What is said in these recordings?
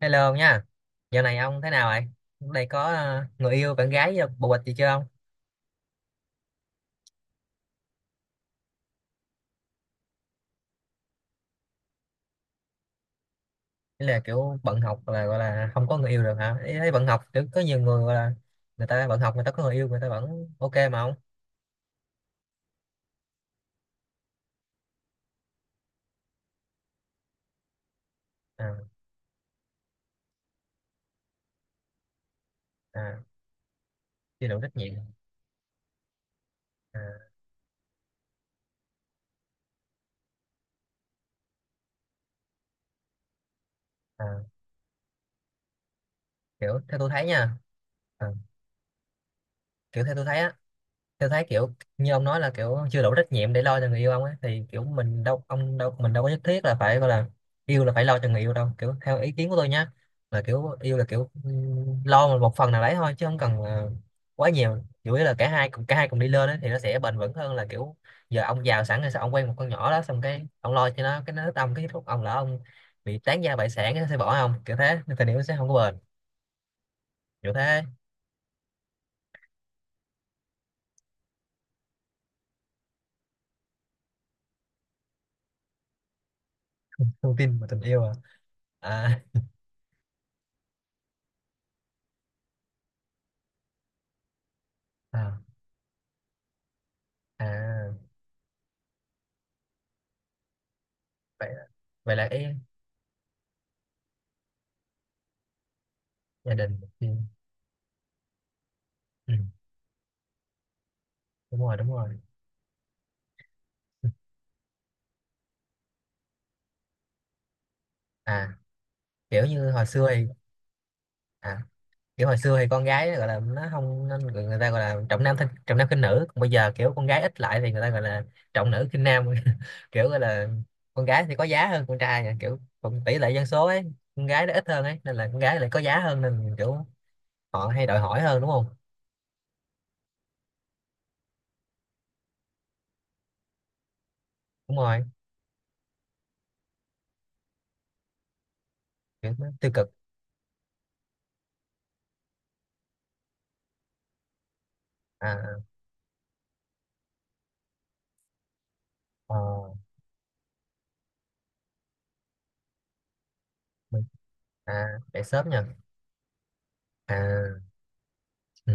Hello ông nha. Dạo này ông thế nào vậy? Đây có người yêu, bạn gái, bồ bịch gì chưa ông? Ý là kiểu bận học là gọi là không có người yêu được hả? Ý thấy bận học kiểu có nhiều người gọi là người ta bận học, người ta có người yêu, người ta vẫn ok mà ông. À. À, chưa đủ trách nhiệm. À. À, kiểu theo tôi thấy nha. À, kiểu theo tôi thấy á, tôi thấy kiểu như ông nói là kiểu chưa đủ trách nhiệm để lo cho người yêu ông ấy, thì kiểu mình đâu, ông đâu, mình đâu có nhất thiết là phải gọi là yêu là phải lo cho người yêu đâu. Kiểu theo ý kiến của tôi nhá, là kiểu yêu là kiểu lo một một phần nào đấy thôi chứ không cần quá nhiều, chủ yếu là cả hai cùng đi lên ấy, thì nó sẽ bền vững hơn là kiểu giờ ông giàu sẵn rồi, sao ông quen một con nhỏ đó, xong cái ông lo cho nó, cái nó thích ông, cái lúc ông lỡ ông bị tán gia bại sản nó sẽ bỏ ông, kiểu thế nên tình yêu sẽ không có bền, kiểu thế. Thông tin và tình yêu à à? À. À. Vậy, vậy là ý gia đình, ừ. Ừ, đúng rồi, đúng rồi. À, kiểu như hồi xưa thì, à, kiểu hồi xưa thì con gái nó gọi là nó không nên người, người ta gọi là trọng nam trọng nam khinh nữ, còn bây giờ kiểu con gái ít lại thì người ta gọi là trọng nữ khinh nam. Kiểu gọi là con gái thì có giá hơn con trai nha, kiểu còn tỷ lệ dân số ấy, con gái nó ít hơn ấy, nên là con gái lại có giá hơn, nên kiểu họ hay đòi hỏi hơn đúng không. Đúng rồi. Kiểu nó tiêu cực. À. Ờ, mình. À dậy sớm nha. À. Ừ.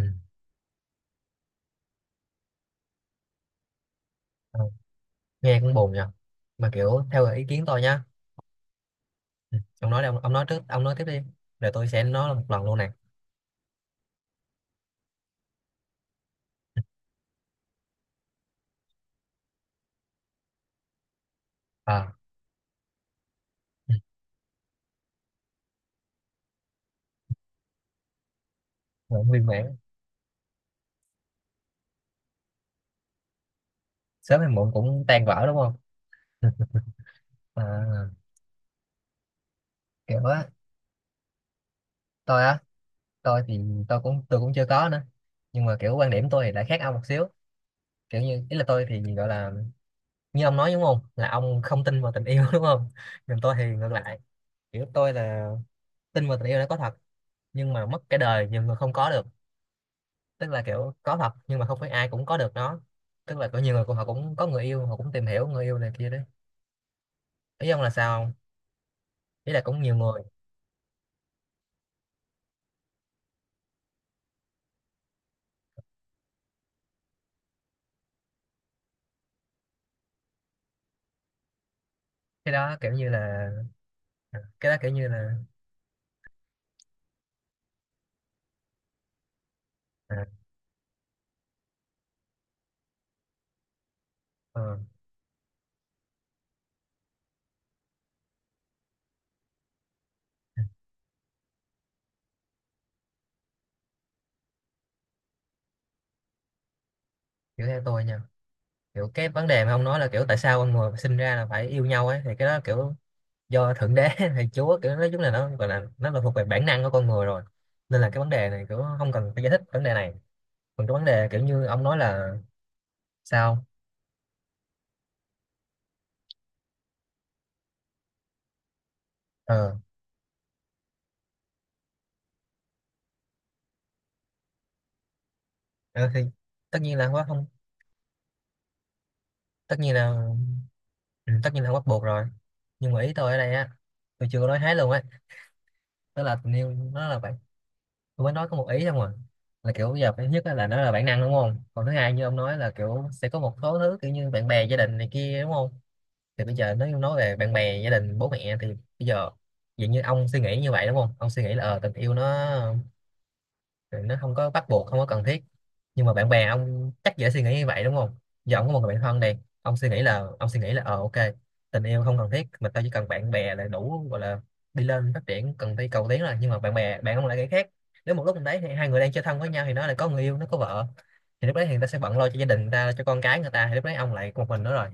Ờ, nghe cũng buồn nha, mà kiểu theo ý kiến tôi nhá. Ừ. Ông nói đi, ông nói trước, ông nói tiếp đi, rồi tôi sẽ nói một lần luôn nè. À, cũng viên mãn. Sớm hay muộn cũng tan vỡ đúng không. Ừ. À, kiểu á, tôi á, tôi thì tôi cũng chưa có nữa. Nhưng mà kiểu quan điểm tôi thì lại khác ông một xíu, kiểu như ý là tôi thì gọi là, như ông nói đúng không, là ông không tin vào tình yêu đúng không. Nhưng tôi thì ngược lại, kiểu tôi là tin vào tình yêu đã có thật, nhưng mà mất cái đời nhiều người không có được, tức là kiểu có thật nhưng mà không phải ai cũng có được nó. Tức là có nhiều người cũng họ cũng có người yêu, họ cũng tìm hiểu người yêu này kia đấy. Ý ông là sao không? Ý là cũng nhiều người. Cái đó kiểu như là, à, cái đó kiểu như là, à, ờ, kiểu theo tôi nha, kiểu cái vấn đề mà ông nói là kiểu tại sao con người sinh ra là phải yêu nhau ấy, thì cái đó kiểu do thượng đế hay chúa, kiểu nói chung là nó gọi là nó là thuộc về bản năng của con người rồi, nên là cái vấn đề này kiểu không cần phải giải thích vấn đề này. Còn cái vấn đề kiểu như ông nói là sao. Ờ. ờ, thì tất nhiên là không có không, tất nhiên là, ừ, tất nhiên là không bắt buộc rồi. Nhưng mà ý tôi ở đây á, tôi chưa có nói hết luôn ấy, tức là tình yêu nó là phải, tôi mới nói có một ý không à, là kiểu bây giờ cái nhất á là nó là bản năng đúng không, còn thứ hai như ông nói là kiểu sẽ có một số thứ kiểu như bạn bè, gia đình này kia đúng không. Thì bây giờ nếu như nói về bạn bè, gia đình, bố mẹ thì bây giờ dạng như ông suy nghĩ như vậy đúng không, ông suy nghĩ là tình yêu nó rồi nó không có bắt buộc, không có cần thiết. Nhưng mà bạn bè ông chắc dễ suy nghĩ như vậy đúng không. Giờ ông có một người bạn thân này, ông suy nghĩ là, ông suy nghĩ là ờ ok tình yêu không cần thiết, mà tao chỉ cần bạn bè là đủ, gọi là đi lên, phát triển, cần đi cầu tiến rồi. Nhưng mà bạn bè, bạn ông lại nghĩ khác. Nếu một lúc mình đấy thì hai người đang chơi thân với nhau, thì nó lại có người yêu, nó có vợ, thì lúc đấy thì người ta sẽ bận lo cho gia đình người ta, cho con cái người ta, thì lúc đấy ông lại một mình nữa rồi.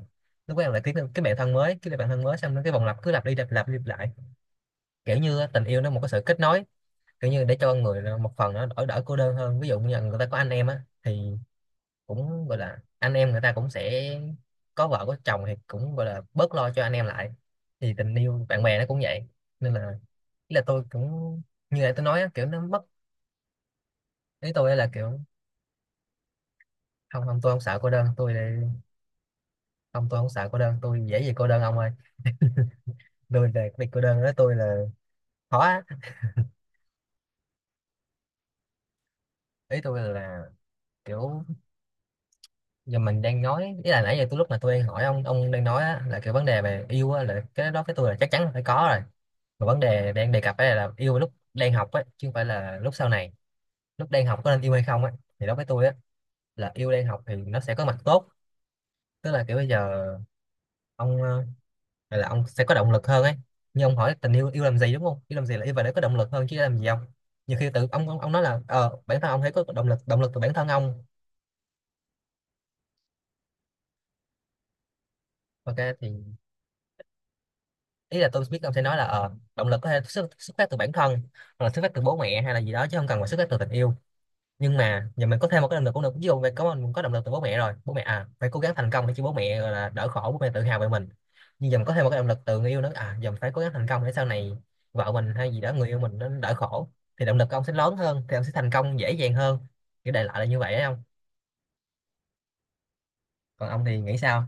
Lúc đấy ông lại kiếm cái bạn thân mới, cái bạn thân mới xong nó, cái vòng lặp cứ lặp đi lặp lại. Kiểu như á, tình yêu nó một cái sự kết nối, kiểu như để cho người nó- một phần nó đỡ đỡ cô đơn hơn. Ví dụ như là người ta có anh em á thì cũng gọi là anh em người ta cũng sẽ có vợ có chồng thì cũng gọi là bớt lo cho anh em lại, thì tình yêu bạn bè nó cũng vậy. Nên là ý là tôi cũng như là tôi nói á, kiểu nó mất. Ý tôi là kiểu không không tôi không sợ cô đơn, tôi là- không tôi không sợ cô đơn, tôi dễ gì cô đơn ông ơi, tôi về cái việc cô đơn đó tôi là khó á. Ý tôi là kiểu giờ mình đang nói, ý là nãy giờ tôi lúc mà tôi đang hỏi ông đang nói á, là cái vấn đề về yêu á, là cái đó với tôi là chắc chắn là phải có rồi, mà vấn đề đang đề cập ở đây là yêu lúc đang học á, chứ không phải là lúc sau này. Lúc đang học có nên yêu hay không á, thì đối với tôi á là yêu đang học thì nó sẽ có mặt tốt. Tức là kiểu bây giờ ông gọi là ông sẽ có động lực hơn ấy. Như ông hỏi tình yêu yêu làm gì đúng không, yêu làm gì là yêu và để có động lực hơn chứ làm gì không. Nhiều khi tự ông, ông nói là ờ bản thân ông thấy có động lực, động lực từ bản thân ông. Ok thì ý là tôi biết ông sẽ nói là ờ, động lực có thể xuất phát từ bản thân, hoặc là xuất phát từ bố mẹ hay là gì đó chứ không cần phải xuất phát từ tình yêu. Nhưng mà giờ mình có thêm một cái động lực cũng được, ví dụ mình có động lực từ bố mẹ rồi, bố mẹ à, phải cố gắng thành công để cho bố mẹ gọi là đỡ khổ, bố mẹ tự hào về mình. Nhưng giờ mình có thêm một cái động lực từ người yêu nữa à, giờ mình phải cố gắng thành công để sau này vợ mình hay gì đó, người yêu mình nó đỡ khổ, thì động lực của ông sẽ lớn hơn, thì ông sẽ thành công dễ dàng hơn. Kiểu đại loại là như vậy đấy không. Còn ông thì nghĩ sao?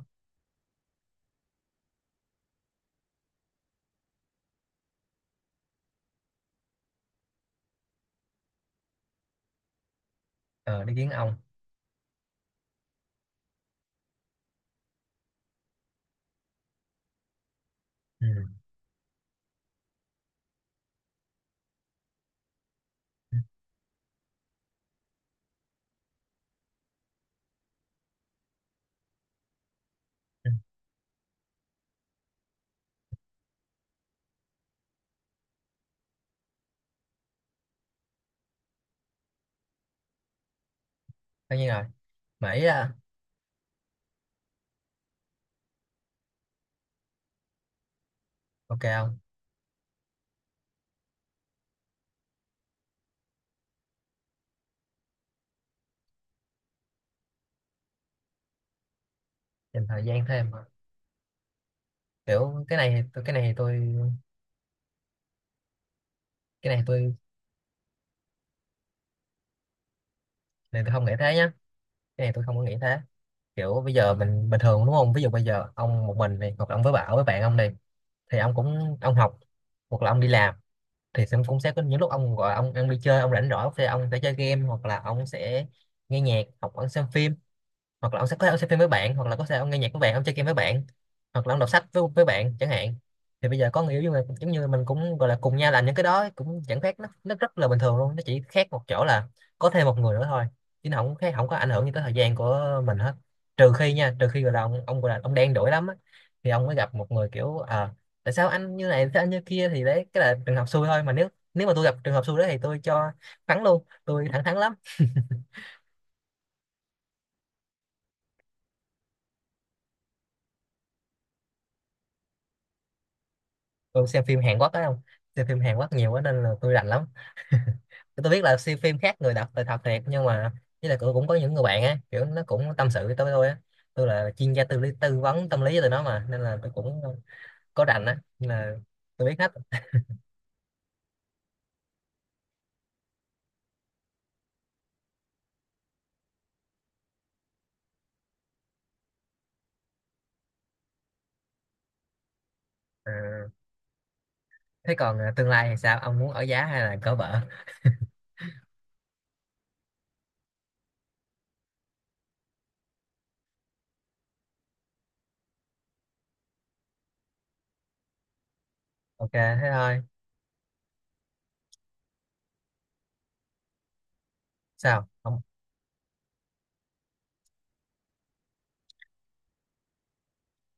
Ờ, ý kiến ông. Ừ. Ừ. Ừ. Tất nhiên rồi. Mà ý là ok không. Dành thời gian thêm. Kiểu cái này tôi cái này tôi cái này tôi không nghĩ thế nhá. Cái này tôi không có nghĩ thế. Kiểu bây giờ mình bình thường đúng không, ví dụ bây giờ ông một mình này, hoặc là ông với bảo với bạn ông này, thì ông cũng ông học hoặc là ông đi làm, thì sẽ cũng sẽ có những lúc ông gọi ông đi chơi ông rảnh rỗi, thì ông sẽ chơi game, hoặc là ông sẽ nghe nhạc, hoặc ông xem phim, hoặc là ông sẽ có thể ông xem phim với bạn, hoặc là có thể ông nghe nhạc với bạn, ông chơi game với bạn, hoặc là ông đọc sách với bạn chẳng hạn. Thì bây giờ có người yêu nhưng mà giống như mình cũng gọi là cùng nhau làm những cái đó cũng chẳng khác, nó rất là bình thường luôn, nó chỉ khác một chỗ là có thêm một người nữa thôi, chứ nó không khác, không có ảnh hưởng gì tới thời gian của mình hết. Trừ khi nha, trừ khi gọi là ông gọi là ông đen đủi lắm á, thì ông mới gặp một người kiểu tại sao anh như này, tại sao anh như kia, thì đấy cái là trường hợp xui thôi. Mà nếu, nếu mà tôi gặp trường hợp xui đó thì tôi cho thắng luôn, tôi thẳng thắn lắm. Tôi xem phim Hàn Quốc ấy không, xem phim Hàn Quốc nhiều quá nên là tôi rành lắm. Tôi biết là xem phim khác người đọc là thật thiệt nhưng mà, với lại cũng cũng có những người bạn á kiểu nó cũng tâm sự với tôi á tôi là chuyên gia tư vấn tâm lý cho tụi nó mà, nên là tôi cũng có rành á, nên là tôi biết hết. Ờ, thế còn tương lai thì sao, ông muốn ở giá hay là cỡ vợ? Ok thế thôi. Sao ông?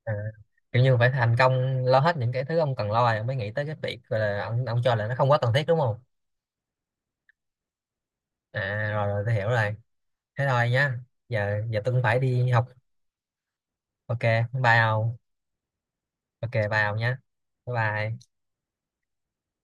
Ờ, kiểu như phải thành công lo hết những cái thứ ông cần lo rồi ông mới nghĩ tới cái việc gọi là ông cho là nó không quá cần thiết đúng không. À rồi rồi, tôi hiểu rồi. Thế thôi nhá. Giờ giờ tôi cũng phải đi học. Ok bye ông. Ok bye ông nhá. Bye bye.